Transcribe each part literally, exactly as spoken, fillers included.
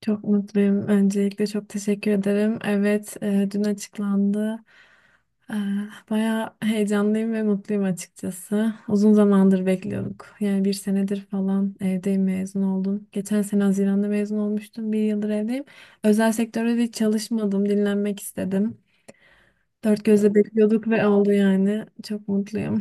Çok mutluyum. Öncelikle çok teşekkür ederim. Evet, e, dün açıklandı. E, Bayağı heyecanlıyım ve mutluyum açıkçası. Uzun zamandır bekliyorduk. Yani bir senedir falan evdeyim, mezun oldum. Geçen sene Haziran'da mezun olmuştum. Bir yıldır evdeyim. Özel sektörde de hiç çalışmadım. Dinlenmek istedim. Dört gözle bekliyorduk ve oldu yani. Çok mutluyum.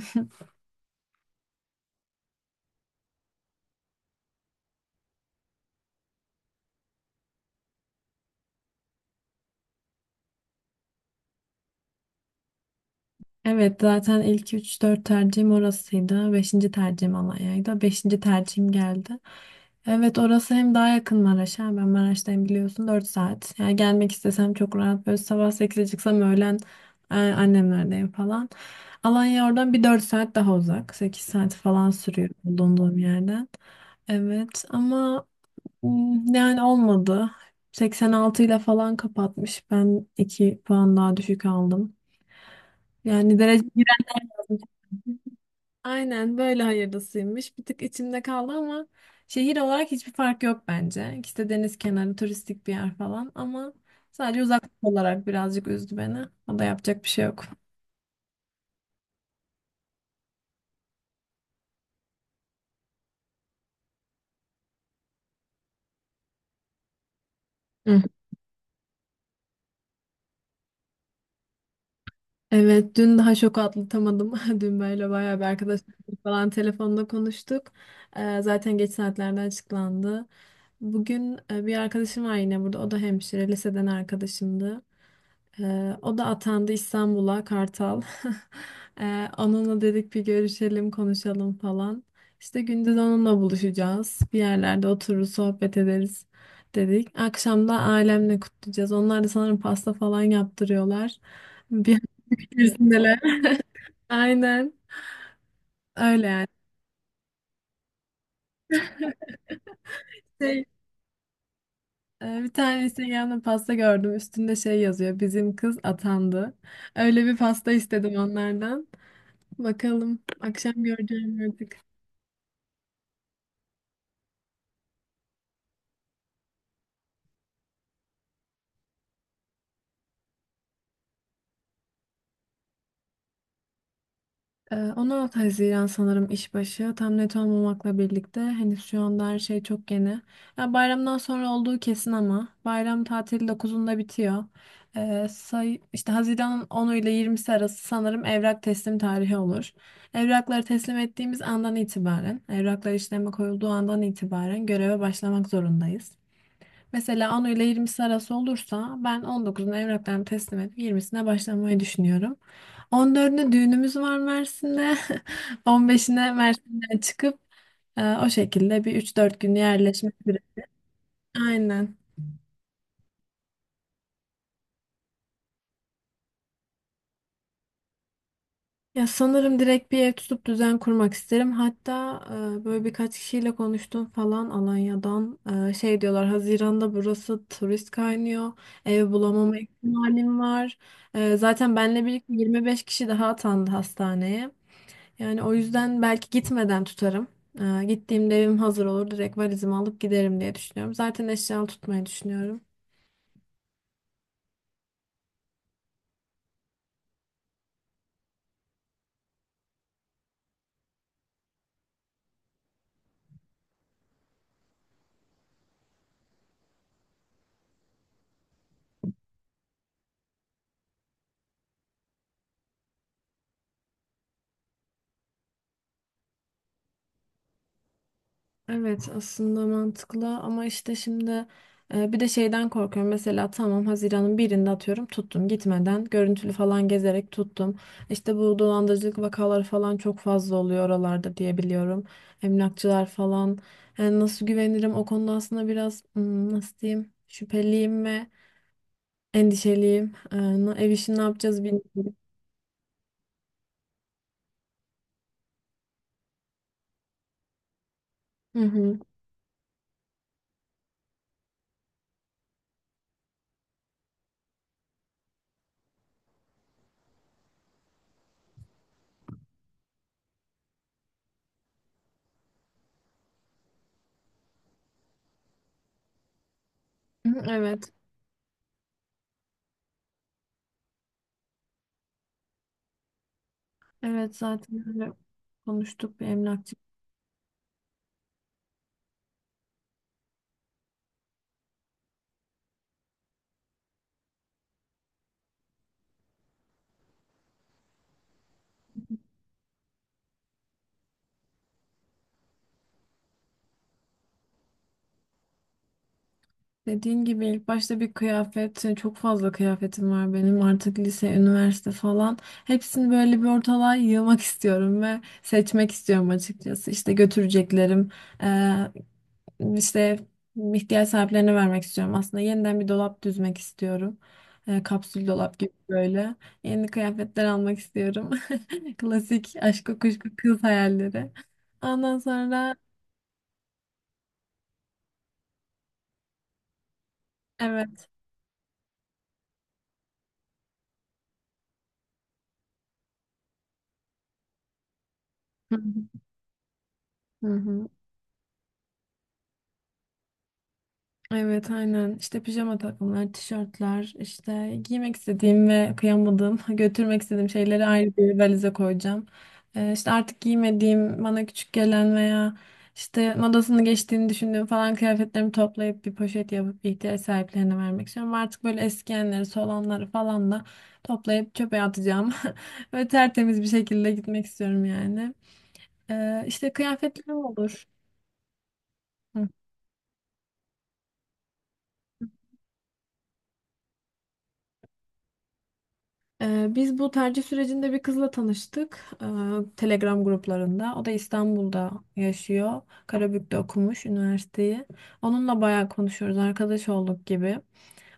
Evet, zaten ilk üç, dört tercihim orasıydı. Beşinci tercihim Alanya'ydı. Beşinci tercihim geldi. Evet, orası hem daha yakın Maraş'a. Ben Maraş'tayım, biliyorsun, dört saat. Yani gelmek istesem çok rahat. Böyle sabah sekize çıksam öğlen e, annemlerdeyim falan. Alanya oradan bir dört saat daha uzak. Sekiz saat falan sürüyor bulunduğum yerden. Evet ama mm, yani olmadı. Seksen altı ile falan kapatmış. Ben iki puan daha düşük aldım. Yani derece... Aynen, böyle hayırlısıymış. Bir tık içimde kaldı ama şehir olarak hiçbir fark yok bence. İkisi de deniz kenarı, turistik bir yer falan ama sadece uzaklık olarak birazcık üzdü beni. O da, yapacak bir şey yok. Hı. Evet, dün daha şok atlatamadım. Dün böyle bayağı bir arkadaş falan telefonda konuştuk. Ee, zaten geç saatlerde açıklandı. Bugün e, bir arkadaşım var yine burada. O da hemşire, liseden arkadaşımdı. Ee, o da atandı İstanbul'a, Kartal. Ee, onunla dedik bir görüşelim, konuşalım falan. İşte gündüz onunla buluşacağız. Bir yerlerde otururuz, sohbet ederiz dedik. Akşam da ailemle kutlayacağız. Onlar da sanırım pasta falan yaptırıyorlar. Bir hafta içerisindeler. Aynen. Öyle yani. Şey, e, Bir tane Instagram'da pasta gördüm. Üstünde şey yazıyor: bizim kız atandı. Öyle bir pasta istedim onlardan. Bakalım, akşam göreceğim artık. Ee, on altı Haziran sanırım işbaşı. Tam net olmamakla birlikte henüz, şu anda her şey çok yeni. Ya bayramdan sonra olduğu kesin, ama bayram tatili dokuzunda bitiyor. Ee, say, işte Haziran'ın onu ile yirmisi arası sanırım evrak teslim tarihi olur. Evrakları teslim ettiğimiz andan itibaren, evraklar işleme koyulduğu andan itibaren göreve başlamak zorundayız. Mesela on ile yirmisi arası olursa ben on dokuzunu evraklarımı teslim edip yirmisine başlamayı düşünüyorum. on dördüne düğünümüz var Mersin'de. on beşine Mersin'den çıkıp e, o şekilde bir üç dört gün yerleşmek üzere. Aynen. Ya sanırım direkt bir ev tutup düzen kurmak isterim. Hatta e, böyle birkaç kişiyle konuştum falan Alanya'dan. E, şey diyorlar, Haziran'da burası turist kaynıyor. Ev bulamama ihtimalim var. E, zaten benle birlikte yirmi beş kişi daha atandı hastaneye. Yani o yüzden belki gitmeden tutarım. E, gittiğimde evim hazır olur. Direkt valizimi alıp giderim diye düşünüyorum. Zaten eşyalı tutmayı düşünüyorum. Evet, aslında mantıklı ama işte şimdi e, bir de şeyden korkuyorum. Mesela tamam, Haziran'ın birinde atıyorum tuttum, gitmeden görüntülü falan gezerek tuttum. İşte bu dolandırıcılık vakaları falan çok fazla oluyor oralarda diye biliyorum. Emlakçılar falan. Yani nasıl güvenirim o konuda, aslında biraz hmm, nasıl diyeyim, şüpheliyim ve endişeliyim. E, na- ev işini ne yapacağız bilmiyorum. Hı hı. Hı hı. Evet. Evet, zaten öyle konuştuk bir emlakçı. Dediğin gibi ilk başta bir kıyafet, hani çok fazla kıyafetim var benim artık, lise, üniversite falan. Hepsini böyle bir ortalığa yığmak istiyorum ve seçmek istiyorum açıkçası. İşte götüreceklerim, eee, işte ihtiyaç sahiplerine vermek istiyorum. Aslında yeniden bir dolap düzmek istiyorum. Eee, kapsül dolap gibi böyle. Yeni kıyafetler almak istiyorum. Klasik aşk kuşku kız hayalleri. Ondan sonra evet. Hı hı. Hı hı. Evet, aynen. İşte pijama takımlar, tişörtler, işte giymek istediğim ve kıyamadığım, götürmek istediğim şeyleri ayrı bir valize koyacağım. Ee, işte artık giymediğim, bana küçük gelen veya işte modasını geçtiğini düşündüğüm falan kıyafetlerimi toplayıp bir poşet yapıp ihtiyaç sahiplerine vermek istiyorum. Artık böyle eskiyenleri, solanları falan da toplayıp çöpe atacağım ve tertemiz bir şekilde gitmek istiyorum yani. Ee, işte kıyafetlerim olur. Ee, Biz bu tercih sürecinde bir kızla tanıştık. Ee, Telegram gruplarında. O da İstanbul'da yaşıyor. Karabük'te okumuş üniversiteyi. Onunla bayağı konuşuyoruz. Arkadaş olduk gibi.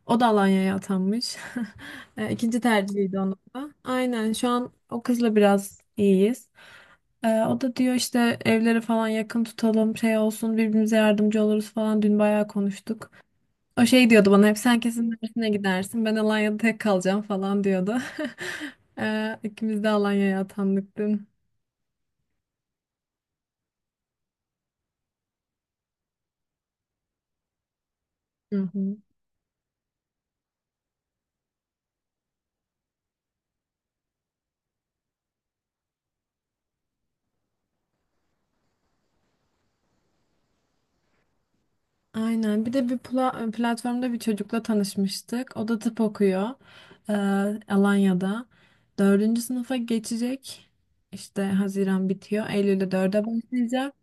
O da Alanya'ya atanmış. Ee, İkinci tercihiydi onun da. Aynen, şu an o kızla biraz iyiyiz. Ee, O da diyor, işte evleri falan yakın tutalım, şey olsun, birbirimize yardımcı oluruz falan. Dün bayağı konuştuk. O şey diyordu bana hep, sen kesin Mersin'e gidersin, ben Alanya'da tek kalacağım falan diyordu. Ee, ikimiz de Alanya'ya atandık dün. Hı hı. Aynen, bir de bir pla- platformda bir çocukla tanışmıştık. O da tıp okuyor ee, Alanya'da. Dördüncü sınıfa geçecek. İşte Haziran bitiyor, Eylül'de dörde başlayacak.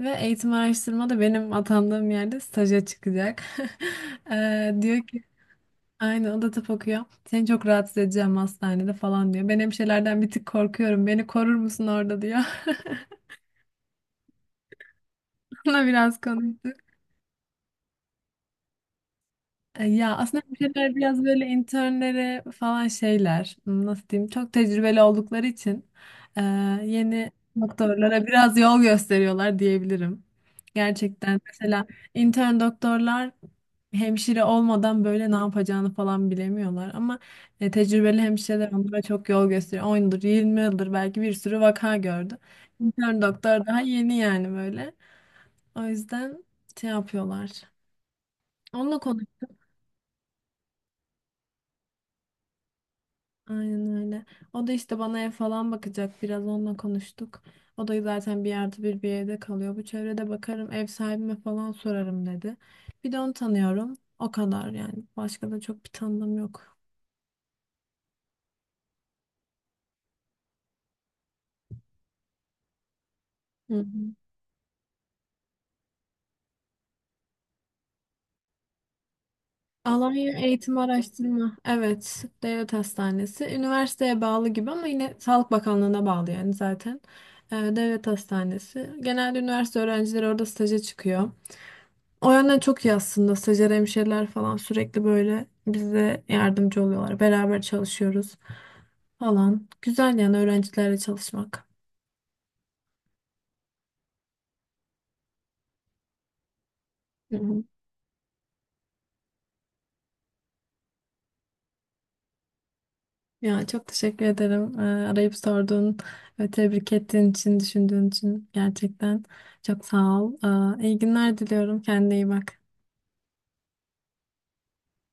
Ve eğitim araştırma da benim atandığım yerde staja çıkacak. Ee, diyor ki, aynen, o da tıp okuyor. Seni çok rahatsız edeceğim hastanede falan diyor. Ben hemşirelerden bir tık korkuyorum, beni korur musun orada diyor. Ona biraz konuştuk. E, Ya aslında bu şeyler biraz böyle internlere falan şeyler, hmm, nasıl diyeyim, çok tecrübeli oldukları için e, yeni doktorlara biraz yol gösteriyorlar diyebilirim. Gerçekten mesela intern doktorlar, hemşire olmadan böyle ne yapacağını falan bilemiyorlar, ama e, tecrübeli hemşireler onlara çok yol gösteriyor. on yıldır, yirmi yıldır belki bir sürü vaka gördü. İntern doktor daha yeni, yani böyle. O yüzden şey yapıyorlar. Onunla konuş. Aynen öyle. O da işte bana ev falan bakacak. Biraz onunla konuştuk. O da zaten bir artı bir bir evde kalıyor. Bu çevrede bakarım, ev sahibime falan sorarım dedi. Bir de onu tanıyorum. O kadar yani. Başka da çok bir tanıdığım yok. Hı hı. Alanya Eğitim Araştırma. Evet, Devlet Hastanesi. Üniversiteye bağlı gibi ama yine Sağlık Bakanlığı'na bağlı yani zaten. Ee, Devlet Hastanesi. Genelde üniversite öğrencileri orada staja çıkıyor. O yönden çok iyi aslında. Stajyer hemşireler falan sürekli böyle bize yardımcı oluyorlar. Beraber çalışıyoruz falan. Güzel yani, öğrencilerle çalışmak. Hı hı. Ya çok teşekkür ederim. Ee, arayıp sorduğun ve tebrik ettiğin için, düşündüğün için gerçekten çok sağ ol. Ee, iyi günler diliyorum. Kendine iyi bak.